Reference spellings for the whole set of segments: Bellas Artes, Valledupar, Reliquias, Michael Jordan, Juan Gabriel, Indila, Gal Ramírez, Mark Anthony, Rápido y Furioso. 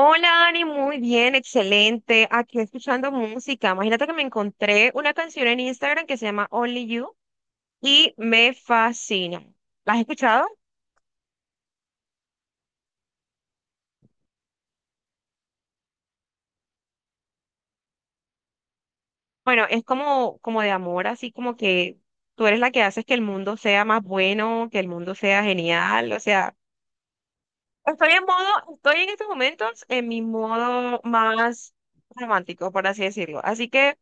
Hola, Dani, muy bien, excelente. Aquí escuchando música. Imagínate que me encontré una canción en Instagram que se llama Only You y me fascina. ¿La has escuchado? Bueno, es como, como de amor, así como que tú eres la que haces que el mundo sea más bueno, que el mundo sea genial. O sea, estoy en modo, estoy en estos momentos en mi modo más romántico, por así decirlo. Así que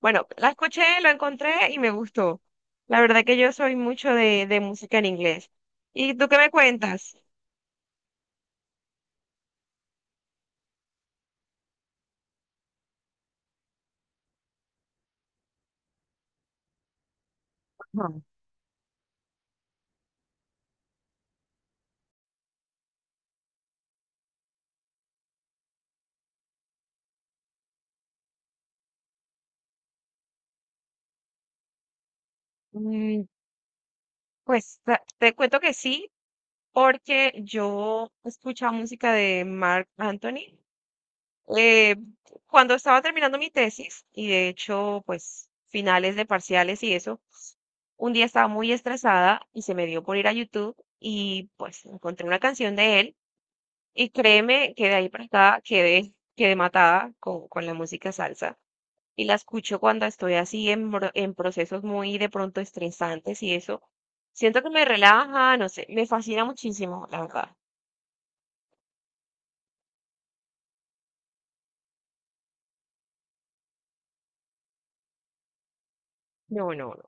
bueno, la escuché, lo encontré y me gustó. La verdad que yo soy mucho de música en inglés. ¿Y tú qué me cuentas? Ujú. Mm, Pues te cuento que sí, porque yo escuchaba música de Mark Anthony eh, cuando estaba terminando mi tesis y de hecho, pues finales de parciales y eso, un día estaba muy estresada y se me dio por ir a YouTube y pues encontré una canción de él. Y créeme que de ahí para acá quedé, quedé matada con la música salsa. Y la escucho cuando estoy así en, en procesos muy de pronto estresantes y eso. Siento que me relaja, no sé, me fascina muchísimo, la verdad. No, no, no.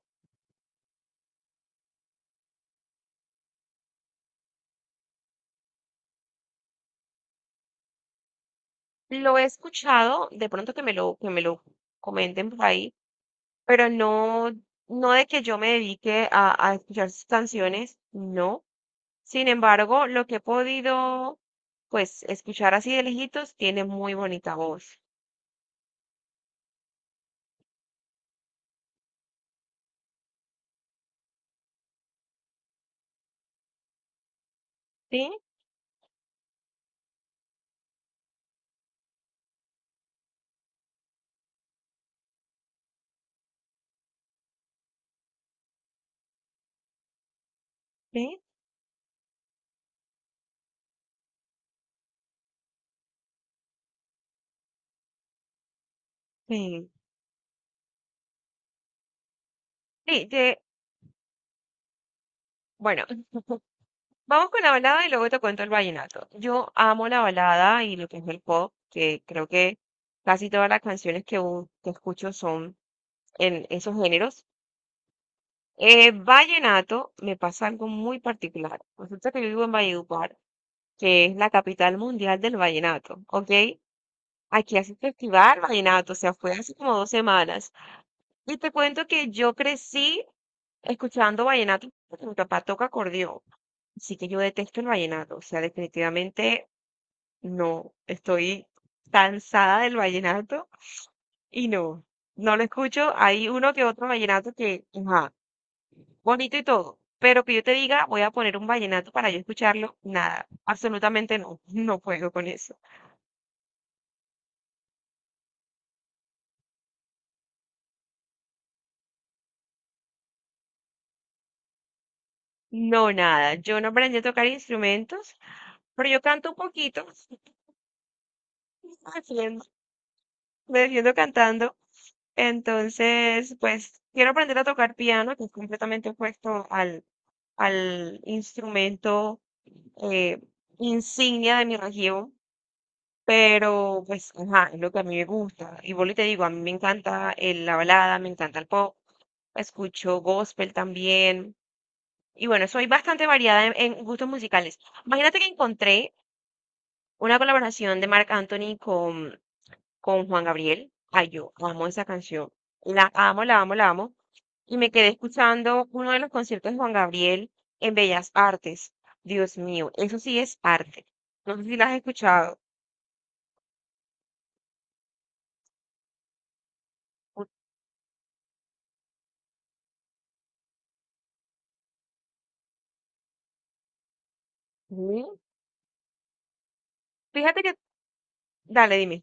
Lo he escuchado, de pronto que me lo comenten por ahí, pero no, no de que yo me dedique a escuchar sus canciones, no. Sin embargo, lo que he podido, pues, escuchar así de lejitos, tiene muy bonita voz. Sí, sí, sí. Sí, bueno, vamos con la balada y luego te cuento el vallenato. Yo amo la balada y lo que es el pop, que creo que casi todas las canciones que escucho son en esos géneros. Vallenato me pasa algo muy particular. Resulta que yo vivo en Valledupar, que es la capital mundial del vallenato, ¿ok? Aquí hace festival, vallenato, o sea, fue hace como dos semanas. Y te cuento que yo crecí escuchando vallenato porque mi papá toca acordeón. Así que yo detesto el vallenato, o sea, definitivamente no. Estoy cansada del vallenato y no, no lo escucho. Hay uno que otro vallenato que, ajá, bonito y todo, pero que yo te diga, voy a poner un vallenato para yo escucharlo, nada, absolutamente no, no puedo con eso. No, nada. Yo no aprendí a tocar instrumentos, pero yo canto un poquito. haciendo- Me defiendo cantando. Entonces, pues quiero aprender a tocar piano, que es completamente opuesto al instrumento eh, insignia de mi región. Pero, pues, ajá, es lo que a mí me gusta. Y vuelvo y te digo, a mí me encanta la balada, me encanta el pop, escucho gospel también. Y bueno, soy bastante variada en gustos musicales. Imagínate que encontré una colaboración de Marc Anthony con Juan Gabriel. Ay, yo amo esa canción. La amo, la amo, la amo. Y me quedé escuchando uno de los conciertos de Juan Gabriel en Bellas Artes. Dios mío, eso sí es arte. No sé si la has escuchado. Ujú. Fíjate que, dale, dime.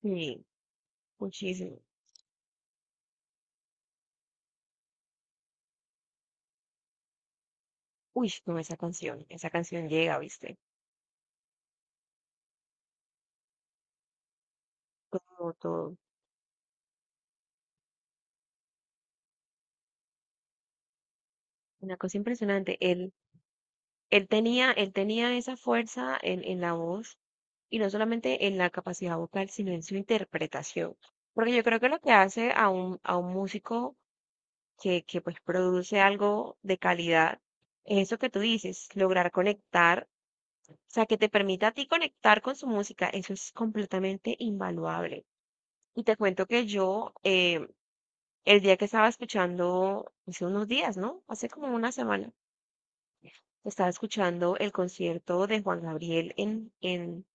Sí, muchísimo. Uy, no, esa canción llega, ¿viste? Como todo. Una cosa impresionante. Él tenía esa fuerza en la voz y no solamente en la capacidad vocal, sino en su interpretación. Porque yo creo que lo que hace a un músico que pues produce algo de calidad es eso que tú dices, lograr conectar, o sea, que te permita a ti conectar con su música, eso es completamente invaluable. Y te cuento que yo, el día que estaba escuchando, hace unos días, ¿no? Hace como una semana estaba escuchando el concierto de Juan Gabriel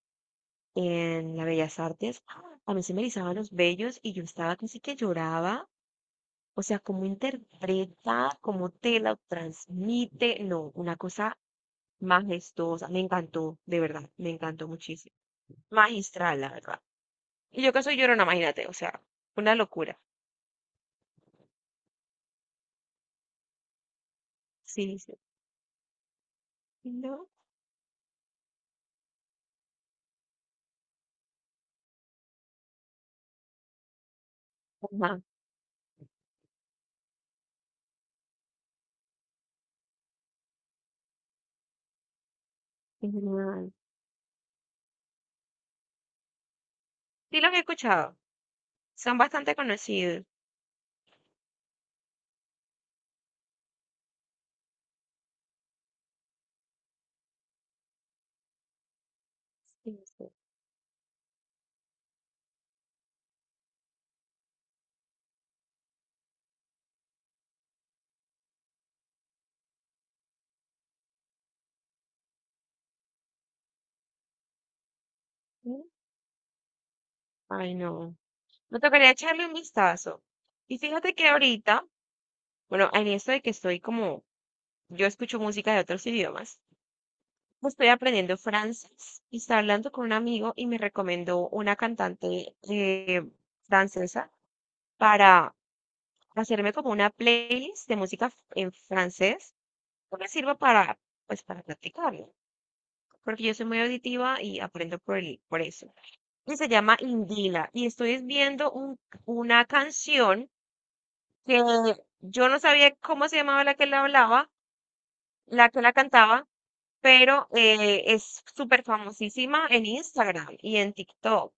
en la Bellas Artes. A mí se me erizaban los vellos y yo estaba casi que lloraba. O sea, cómo interpreta, cómo te lo transmite. No, una cosa majestuosa. Me encantó, de verdad, me encantó muchísimo. Magistral, la verdad. Y yo que soy llorona, imagínate, o sea, una locura. Sí, sí. No. Ajá, genial. Sí, los he escuchado. Son bastante conocidos. Sí, sí. Ay, no. Me tocaría echarle un vistazo. Y fíjate que ahorita, bueno, en esto de que estoy como, yo escucho música de otros idiomas, pues estoy aprendiendo francés y estaba hablando con un amigo y me recomendó una cantante francesa para hacerme como una playlist de música en francés que me sirva para, pues, para practicarlo. Porque yo soy muy auditiva y aprendo por eso. Y se llama Indila. Y estoy viendo una canción, que yo no sabía cómo se llamaba la que la hablaba, la que la cantaba, pero es súper famosísima en Instagram y en TikTok.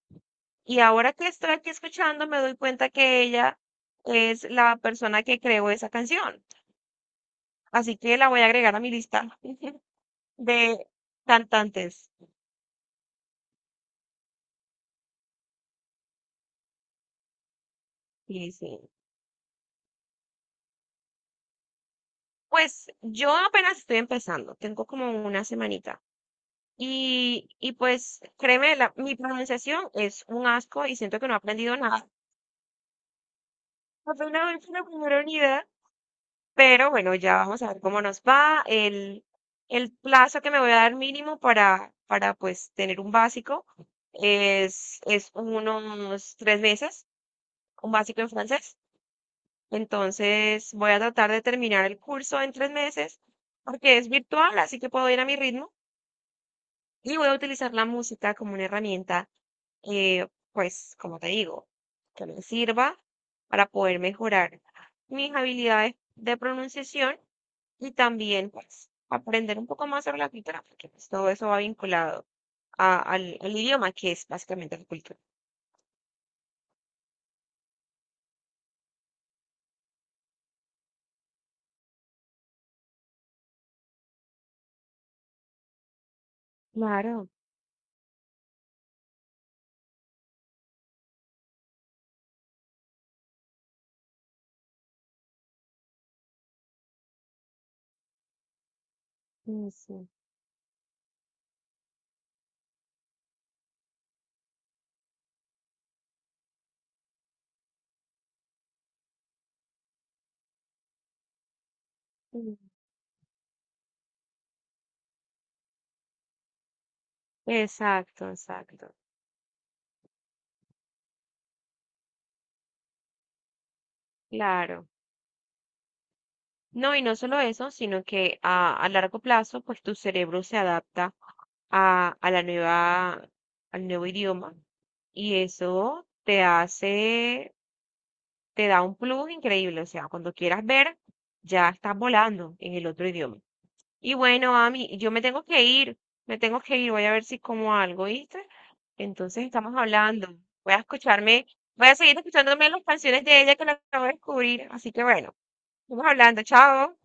Y ahora que estoy aquí escuchando, me doy cuenta que ella es la persona que creó esa canción. Así que la voy a agregar a mi lista de cantantes. Sí, sí. Pues yo apenas estoy empezando, tengo como una semanita. Y pues créeme, mi pronunciación es un asco y siento que no he aprendido nada. Afortunadamente la primera unidad, pero bueno, ya vamos a ver cómo nos va. El plazo que me voy a dar mínimo para pues tener un básico es unos 3 meses, un básico en francés. Entonces voy a tratar de terminar el curso en 3 meses porque es virtual, así que puedo ir a mi ritmo y voy a utilizar la música como una herramienta pues, como te digo, que me sirva para poder mejorar mis habilidades de pronunciación y también, pues, aprender un poco más sobre la cultura, porque pues, todo eso va vinculado al idioma, que es básicamente la cultura. Claro, sí, sí. Sí. Exacto, exacto. Claro. No, y no solo eso, sino que a largo plazo, pues tu cerebro se adapta a la nueva, al nuevo idioma y eso te hace, te da un plus increíble. O sea, cuando quieras ver, ya estás volando en el otro idioma. Y bueno, Ami, yo me tengo que ir, me tengo que ir, voy a ver si como algo, ¿viste? Entonces estamos hablando. Voy a escucharme, voy a seguir escuchándome las canciones de ella que la acabo de descubrir. Así que bueno, estamos hablando, chao.